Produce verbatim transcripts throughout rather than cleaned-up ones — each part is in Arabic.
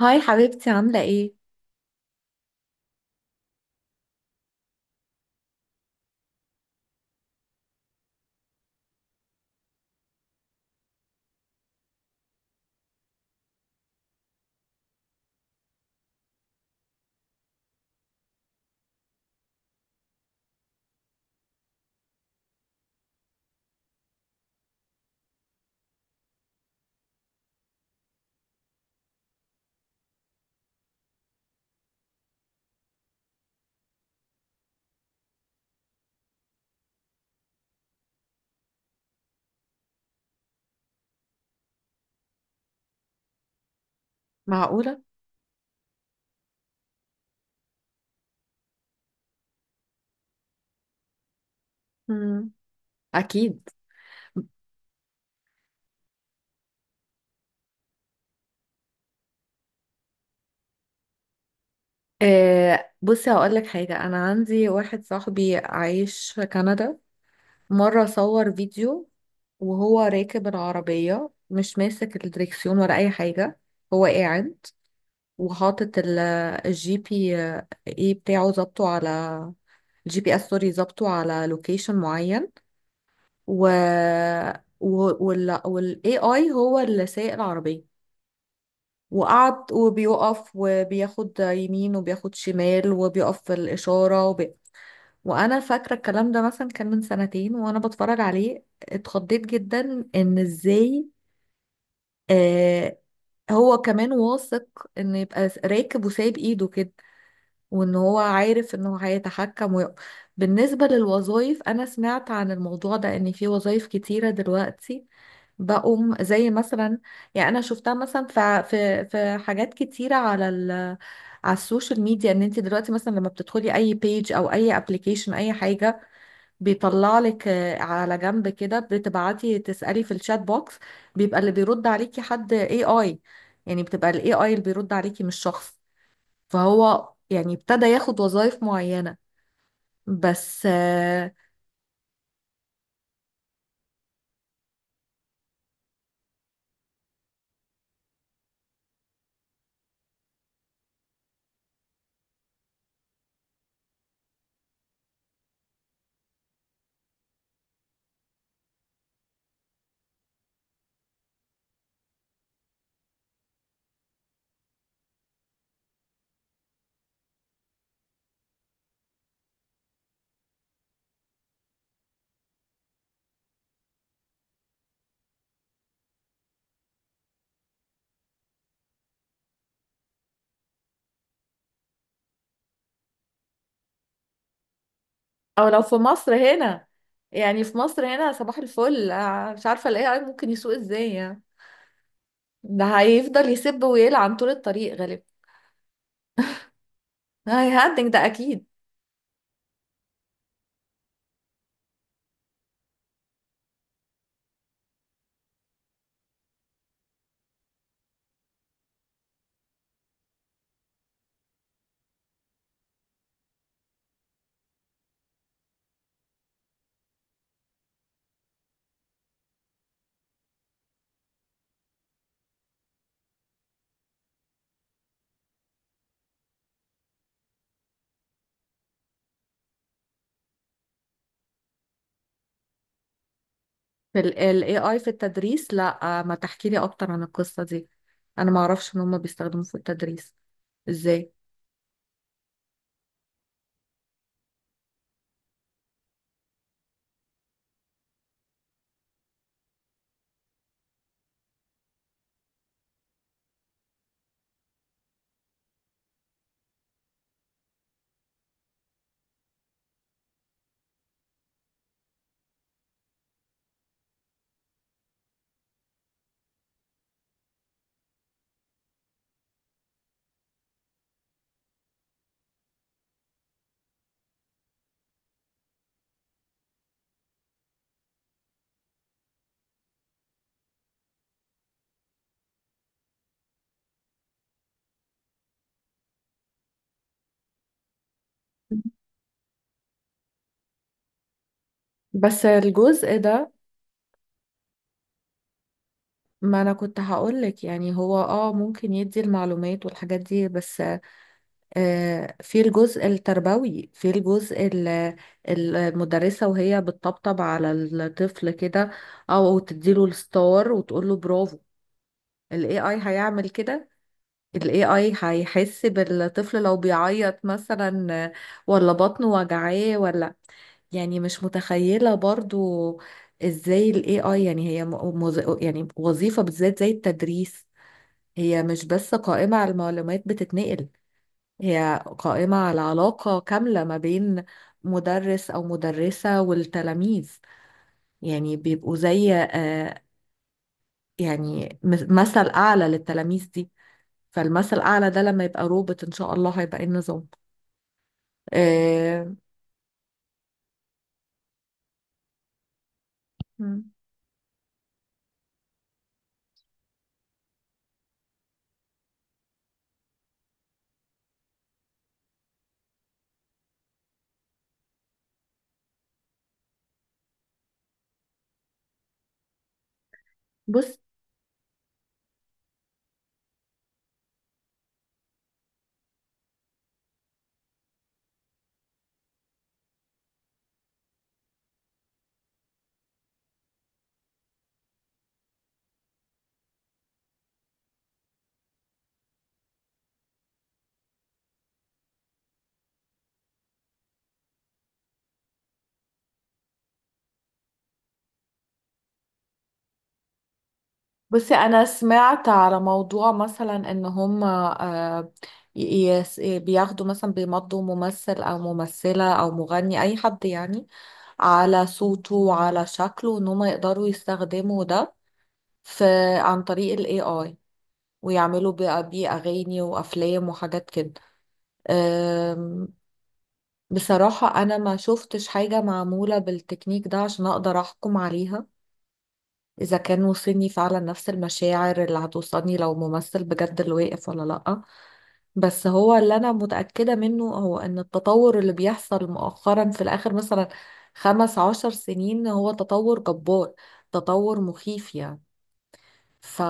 هاي حبيبتي، عاملة ايه؟ معقولة؟ مم. أكيد. آه، بصي هقولك حاجة. أنا عندي واحد صاحبي عايش في كندا. مرة صور فيديو وهو راكب العربية، مش ماسك الدريكسيون ولا أي حاجة. هو قاعد وحاطط ال- الجي بي آه، ايه بتاعه، ظابطه على الجي بي اس، سوري، ظابطه على لوكيشن معين، و و- وال والاي اي هو اللي سايق العربية. وقعد وبيقف وبياخد يمين وبياخد شمال وبيقف في الإشارة وب... وأنا فاكرة الكلام ده مثلا كان من سنتين، وأنا بتفرج عليه اتخضيت جدا إن إزاي، آه، هو كمان واثق إن يبقى راكب وسايب إيده كده، وان هو عارف ان هو هيتحكم ويق... بالنسبة للوظائف، انا سمعت عن الموضوع ده ان في وظائف كتيرة دلوقتي بقوم، زي مثلا، يعني انا شفتها مثلا في في في حاجات كتيرة على ال على السوشيال ميديا، ان انت دلوقتي مثلا لما بتدخلي اي بيج او اي ابلكيشن اي حاجة، بيطلع لك، آه، على جنب كده، بتبعتي تسألي في الشات بوكس، بيبقى اللي بيرد عليكي حد اي اي. يعني بتبقى الاي اي اللي بيرد عليكي مش شخص. فهو يعني ابتدى ياخد وظائف معينة، بس آه، او لو في مصر هنا، يعني في مصر هنا صباح الفل، آه، مش عارفة الاي اي ممكن يسوق ازاي يعني. ده هيفضل يسب ويلعن طول الطريق غالبا. هيهدد ده اكيد. في الاي اي في التدريس؟ لا آه، ما تحكي لي اكتر عن القصة دي، انا ما اعرفش ان هم بيستخدموه في التدريس ازاي. بس الجزء ده، ما انا كنت هقولك، يعني هو اه ممكن يدي المعلومات والحاجات دي، بس آه، في الجزء التربوي، في الجزء ال- المدرسة وهي بتطبطب على الطفل كده، أو تديله الستار وتقوله برافو. ال إيه آي هيعمل كده؟ ال إيه آي هيحس بالطفل لو بيعيط مثلا، آه، ولا بطنه وجعاه، ولا؟ يعني مش متخيلة برضو ازاي ال إيه آي، يعني هي م- مز... يعني وظيفة بالذات زي التدريس هي مش بس قائمة على المعلومات بتتنقل، هي قائمة على علاقة كاملة ما بين مدرس أو مدرسة والتلاميذ. يعني بيبقوا زي، آه، يعني، مس- مثل أعلى للتلاميذ دي. فالمثل الأعلى ده لما يبقى روبوت، إن شاء الله هيبقى إيه النظام. آه. مم. بص. بصي انا سمعت على موضوع مثلا ان هم، آه، ي- يس- بياخدوا مثلا، بيمضوا ممثل او ممثلة او مغني، اي حد يعني، على صوته وعلى شكله، ان هم يقدروا يستخدموا ده في، عن طريق ال إيه آي، ويعملوا بقى بيه أغاني وأفلام وحاجات كده. أم، بصراحة أنا ما شفتش حاجة معمولة بالتكنيك ده عشان أقدر أحكم عليها إذا كان وصلني فعلا نفس المشاعر اللي هتوصلني لو ممثل بجد اللي واقف ولا لأ. بس هو اللي أنا متأكدة منه هو إن التطور اللي بيحصل مؤخرا في الآخر مثلا خمس عشر سنين هو تطور جبار، تطور مخيف يعني. ف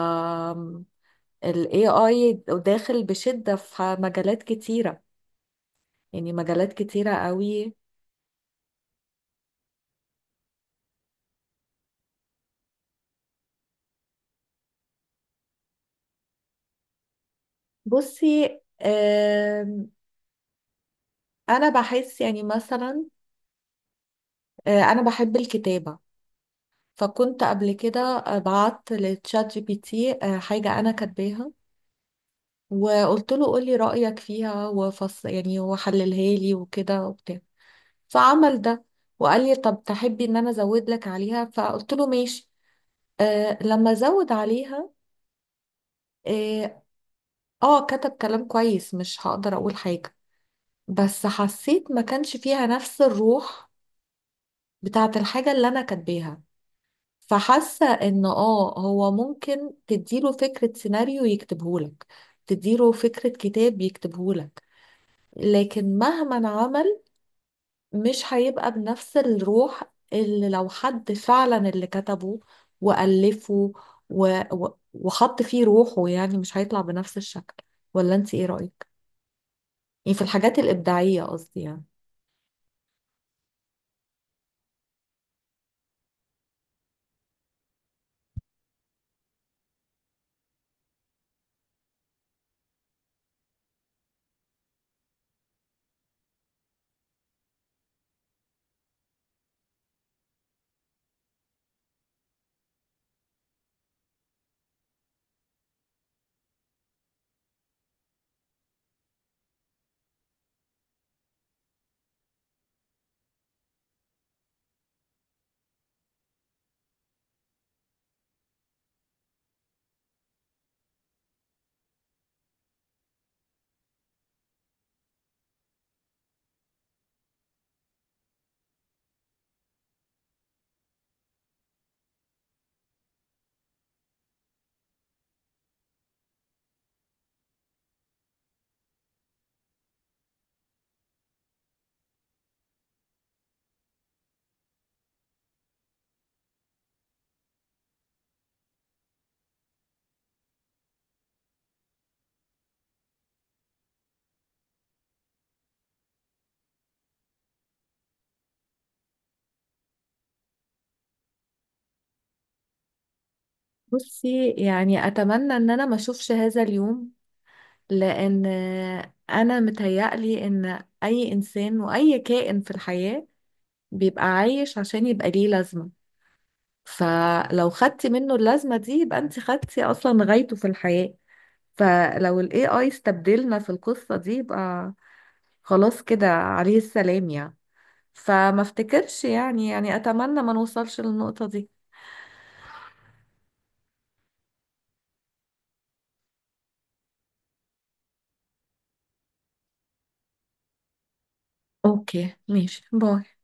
ال إيه آي داخل بشدة في مجالات كتيرة، يعني مجالات كتيرة قوي. بصي، آم، أنا بحس يعني مثلا، آه، أنا بحب الكتابة، فكنت قبل كده، آه، بعت لتشات جي بي تي، آه، حاجة أنا كاتباها، وقلت له قولي رأيك فيها وفص، يعني وحللها لي وكده وبتاع. فعمل ده، وقال لي طب تحبي إن أنا أزود لك عليها، فقلت له ماشي، آه، لما أزود عليها، آه، اه كتب كلام كويس، مش هقدر اقول حاجة، بس حسيت ما كانش فيها نفس الروح بتاعت الحاجة اللي انا كاتباها. فحاسة ان اه هو ممكن تديله فكرة سيناريو يكتبهولك، تديله فكرة كتاب يكتبهولك، لكن مهما عمل مش هيبقى بنفس الروح اللي لو حد فعلا اللي كتبه وألفه و... و... وحط فيه روحه. يعني مش هيطلع بنفس الشكل. ولا انت ايه رأيك؟ يعني في الحاجات الإبداعية قصدي يعني. بصي، يعني أتمنى إن أنا ما أشوفش هذا اليوم، لأن أنا متهيألي إن أي إنسان وأي كائن في الحياة بيبقى عايش عشان يبقى ليه لازمة. فلو خدتي منه اللازمة دي يبقى أنت خدتي أصلا غايته في الحياة. فلو ال إيه آي استبدلنا في القصة دي يبقى خلاص كده، عليه السلام يعني. فما افتكرش، يعني، يعني أتمنى ما نوصلش للنقطة دي. أوكي ماشي، باي.